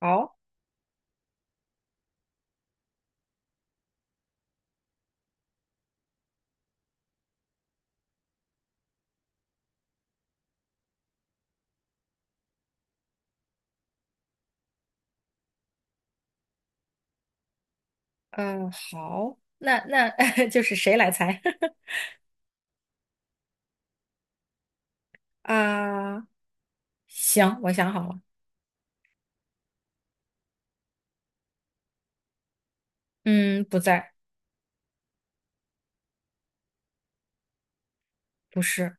好，好，那 就是谁来猜 啊？行，我想好了，嗯，不在，不是，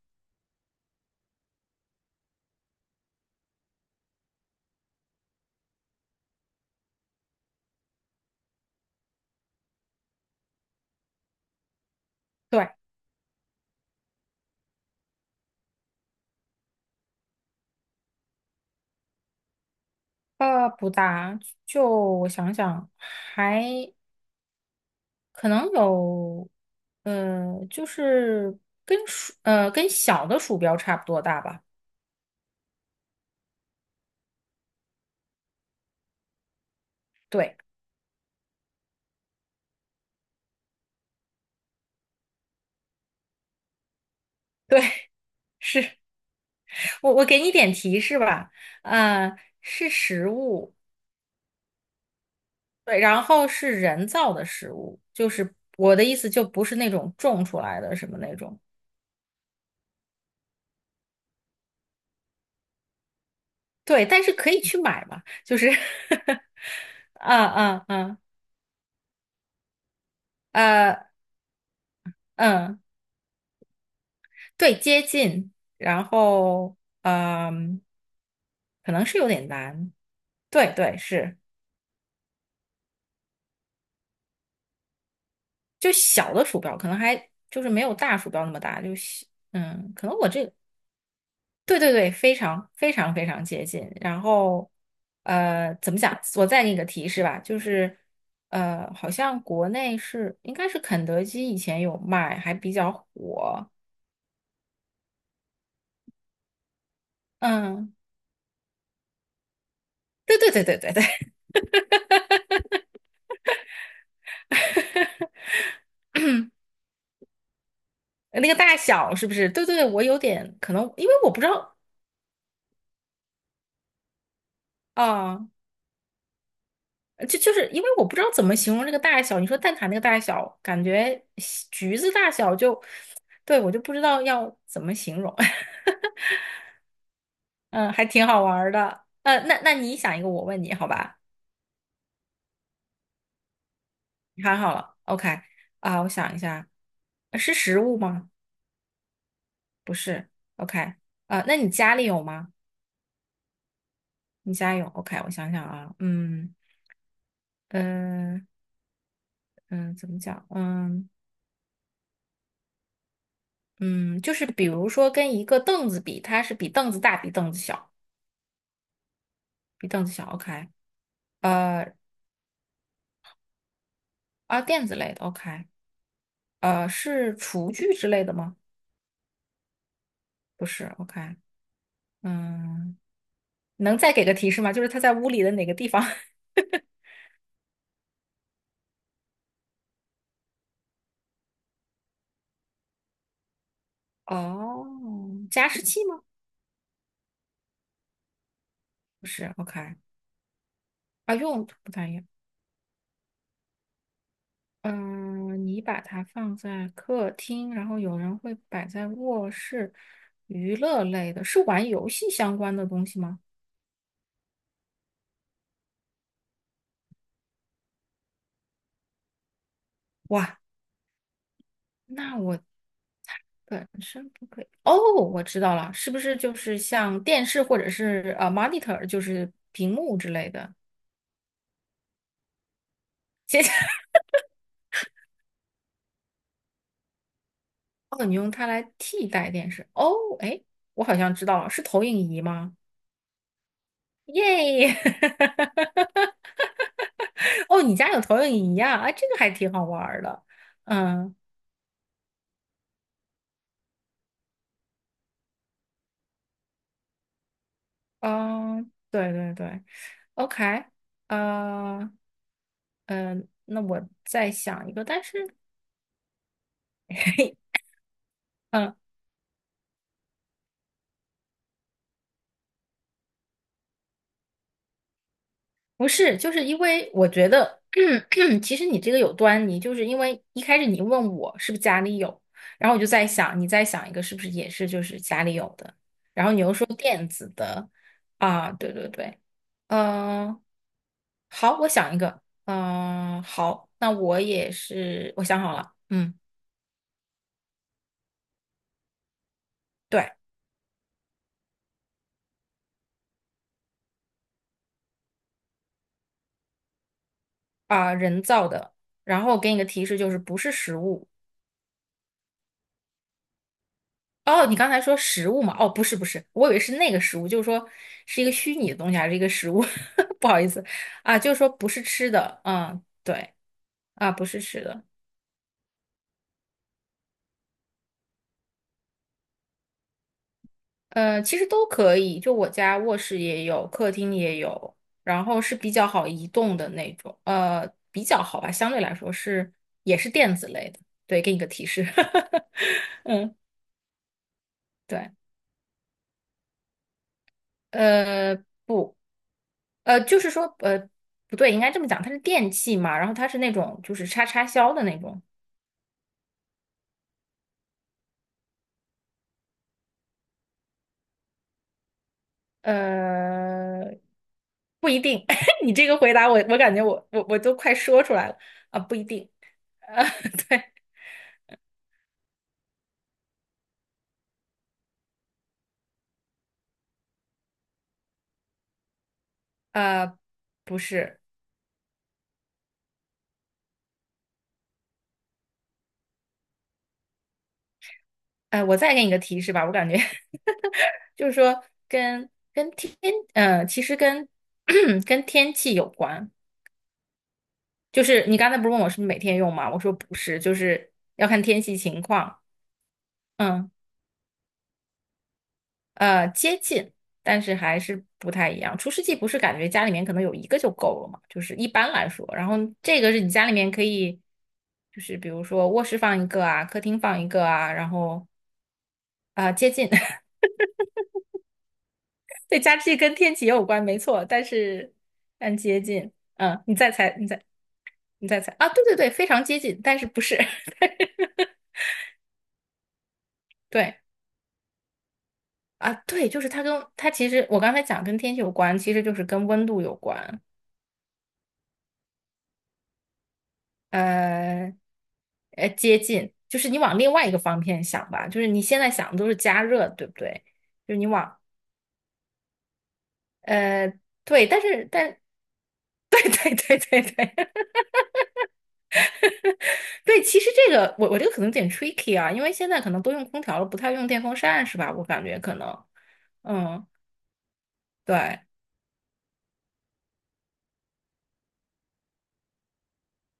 对，不大，就我想想，还可能有，就是跟小的鼠标差不多大吧？对，对，是。我给你点提示吧。啊、是实物。对，然后是人造的食物，就是我的意思，就不是那种种出来的什么那种。对，但是可以去买嘛，就是 啊啊啊 呃嗯，对，接近，然后嗯，可能是有点难。对对，是，就小的鼠标，可能还就是没有大鼠标那么大，就小，可能我这个。对对对，非常非常非常接近。然后，怎么讲？我再给你个提示吧，就是，好像国内是应该是肯德基以前有卖，还比较火。嗯，对对对对对对，那个大小是不是？对对对，我有点可能，因为我不知道啊，就是因为我不知道怎么形容这个大小。你说蛋挞那个大小，感觉橘子大小就，对，我就不知道要怎么形容。嗯，还挺好玩儿的。那你想一个，我问你，好吧？你看好了，OK。 啊，我想一下，是食物吗？不是，OK。 啊，那你家里有吗？你家有，OK，我想想啊，嗯嗯，怎么讲？嗯嗯，就是比如说跟一个凳子比，它是比凳子大，比凳子小，比凳子小，OK。呃啊，垫子类的，OK。是厨具之类的吗？不是，OK，嗯。能再给个提示吗？就是它在屋里的哪个地方？哦，加湿器吗？不是，OK。啊，用途不太一样。嗯、你把它放在客厅，然后有人会摆在卧室。娱乐类的，是玩游戏相关的东西吗？哇，那我本身不可以。哦，我知道了，是不是就是像电视或者是monitor，就是屏幕之类的？哦，你用它来替代电视。哦，哎，我好像知道了，是投影仪吗？耶！哦，你家有投影仪呀？啊，这个还挺好玩儿的。嗯，嗯，对对对，OK。呃，那我再想一个，但是嗯不是，就是因为我觉得，其实你这个有端倪，就是因为一开始你问我是不是家里有，然后我就在想，你在想一个是不是也是就是家里有的，然后你又说电子的，啊，对对对，嗯、呃好，我想一个。嗯、好，那我也是，我想好了，嗯。对，啊、人造的，然后我给你个提示，就是不是食物。哦，你刚才说食物嘛？哦，不是不是，我以为是那个食物，就是说是一个虚拟的东西还是一个食物？不好意思啊，就是说不是吃的，嗯，对啊，不是吃的。其实都可以，就我家卧室也有，客厅也有，然后是比较好移动的那种，比较好吧，相对来说是也是电子类的。对，给你个提示。嗯，对，呃，不。就是说，不对，应该这么讲，它是电器嘛，然后它是那种就是插插销的那种。呃，不一定。你这个回答我，我感觉我都快说出来了。啊，不一定。呃，对。呃，不是。我再给你个提示吧，我感觉 就是说跟跟天，呃，其实跟 跟天气有关。就是你刚才不是问我是不是每天用吗？我说不是，就是要看天气情况，嗯。接近，但是还是不太一样。除湿机不是感觉家里面可能有一个就够了嘛，就是一般来说。然后这个是你家里面可以，就是比如说卧室放一个啊，客厅放一个啊。然后啊、接近。对，湿器跟天气也有关，没错，但接近。嗯，你再猜，你再猜啊，对对对，非常接近，但是不是。对啊，对，就是它其实我刚才讲跟天气有关，其实就是跟温度有关。呃，接近，就是你往另外一个方面想吧，就是你现在想的都是加热，对不对？就是你往呃对，但是 对对对对对 对，其实这个我这个可能有点 tricky 啊，因为现在可能都用空调了，不太用电风扇是吧？我感觉可能。嗯，对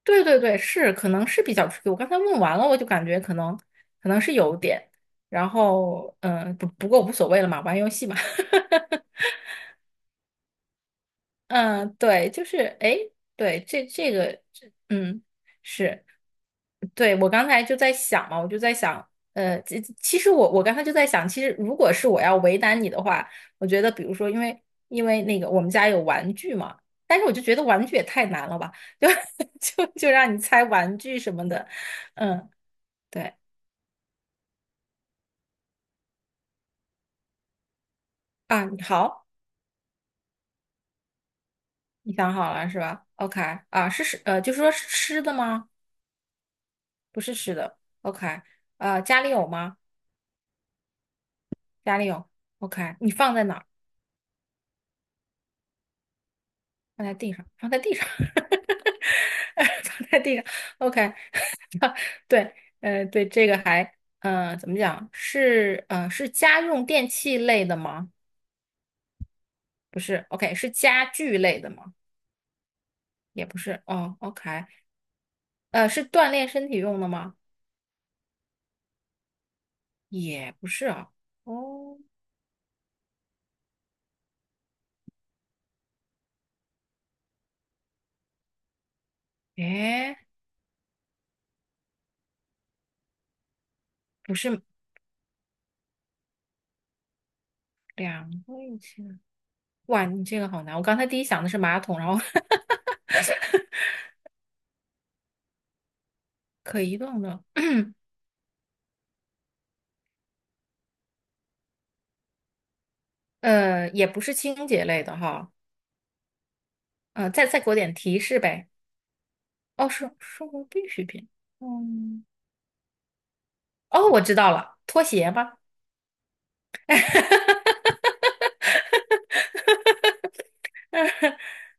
对对对，是可能是比较 tricky。我刚才问完了，我就感觉可能是有点，然后不过无所谓了嘛，玩游戏嘛。嗯，对，就是哎，诶对，这个，是，对，我刚才就在想嘛，我就在想，其实我刚才就在想，其实如果是我要为难你的话，我觉得比如说，因为那个我们家有玩具嘛，但是我就觉得玩具也太难了吧，就 就让你猜玩具什么的，嗯，对。啊，你好，你想好了是吧？OK。 啊，就是说是吃的吗？不是吃的，OK。 啊，家里有吗？家里有，OK，你放在哪儿？放在地上，放在地上，放在地上，OK，对。对，这个还，呃，怎么讲？是家用电器类的吗？不是，OK，是家具类的吗？也不是。哦，OK。是锻炼身体用的吗？也不是啊。哦，诶，不是。两个一起的。哇，你这个好难，我刚才第一想的是马桶，然后 可移动的。也不是清洁类的哈。再给我点提示呗。哦，生活必需品。嗯。哦，我知道了，拖鞋吧。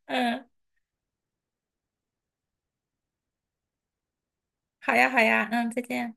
嗯，好呀，好呀，嗯，再见。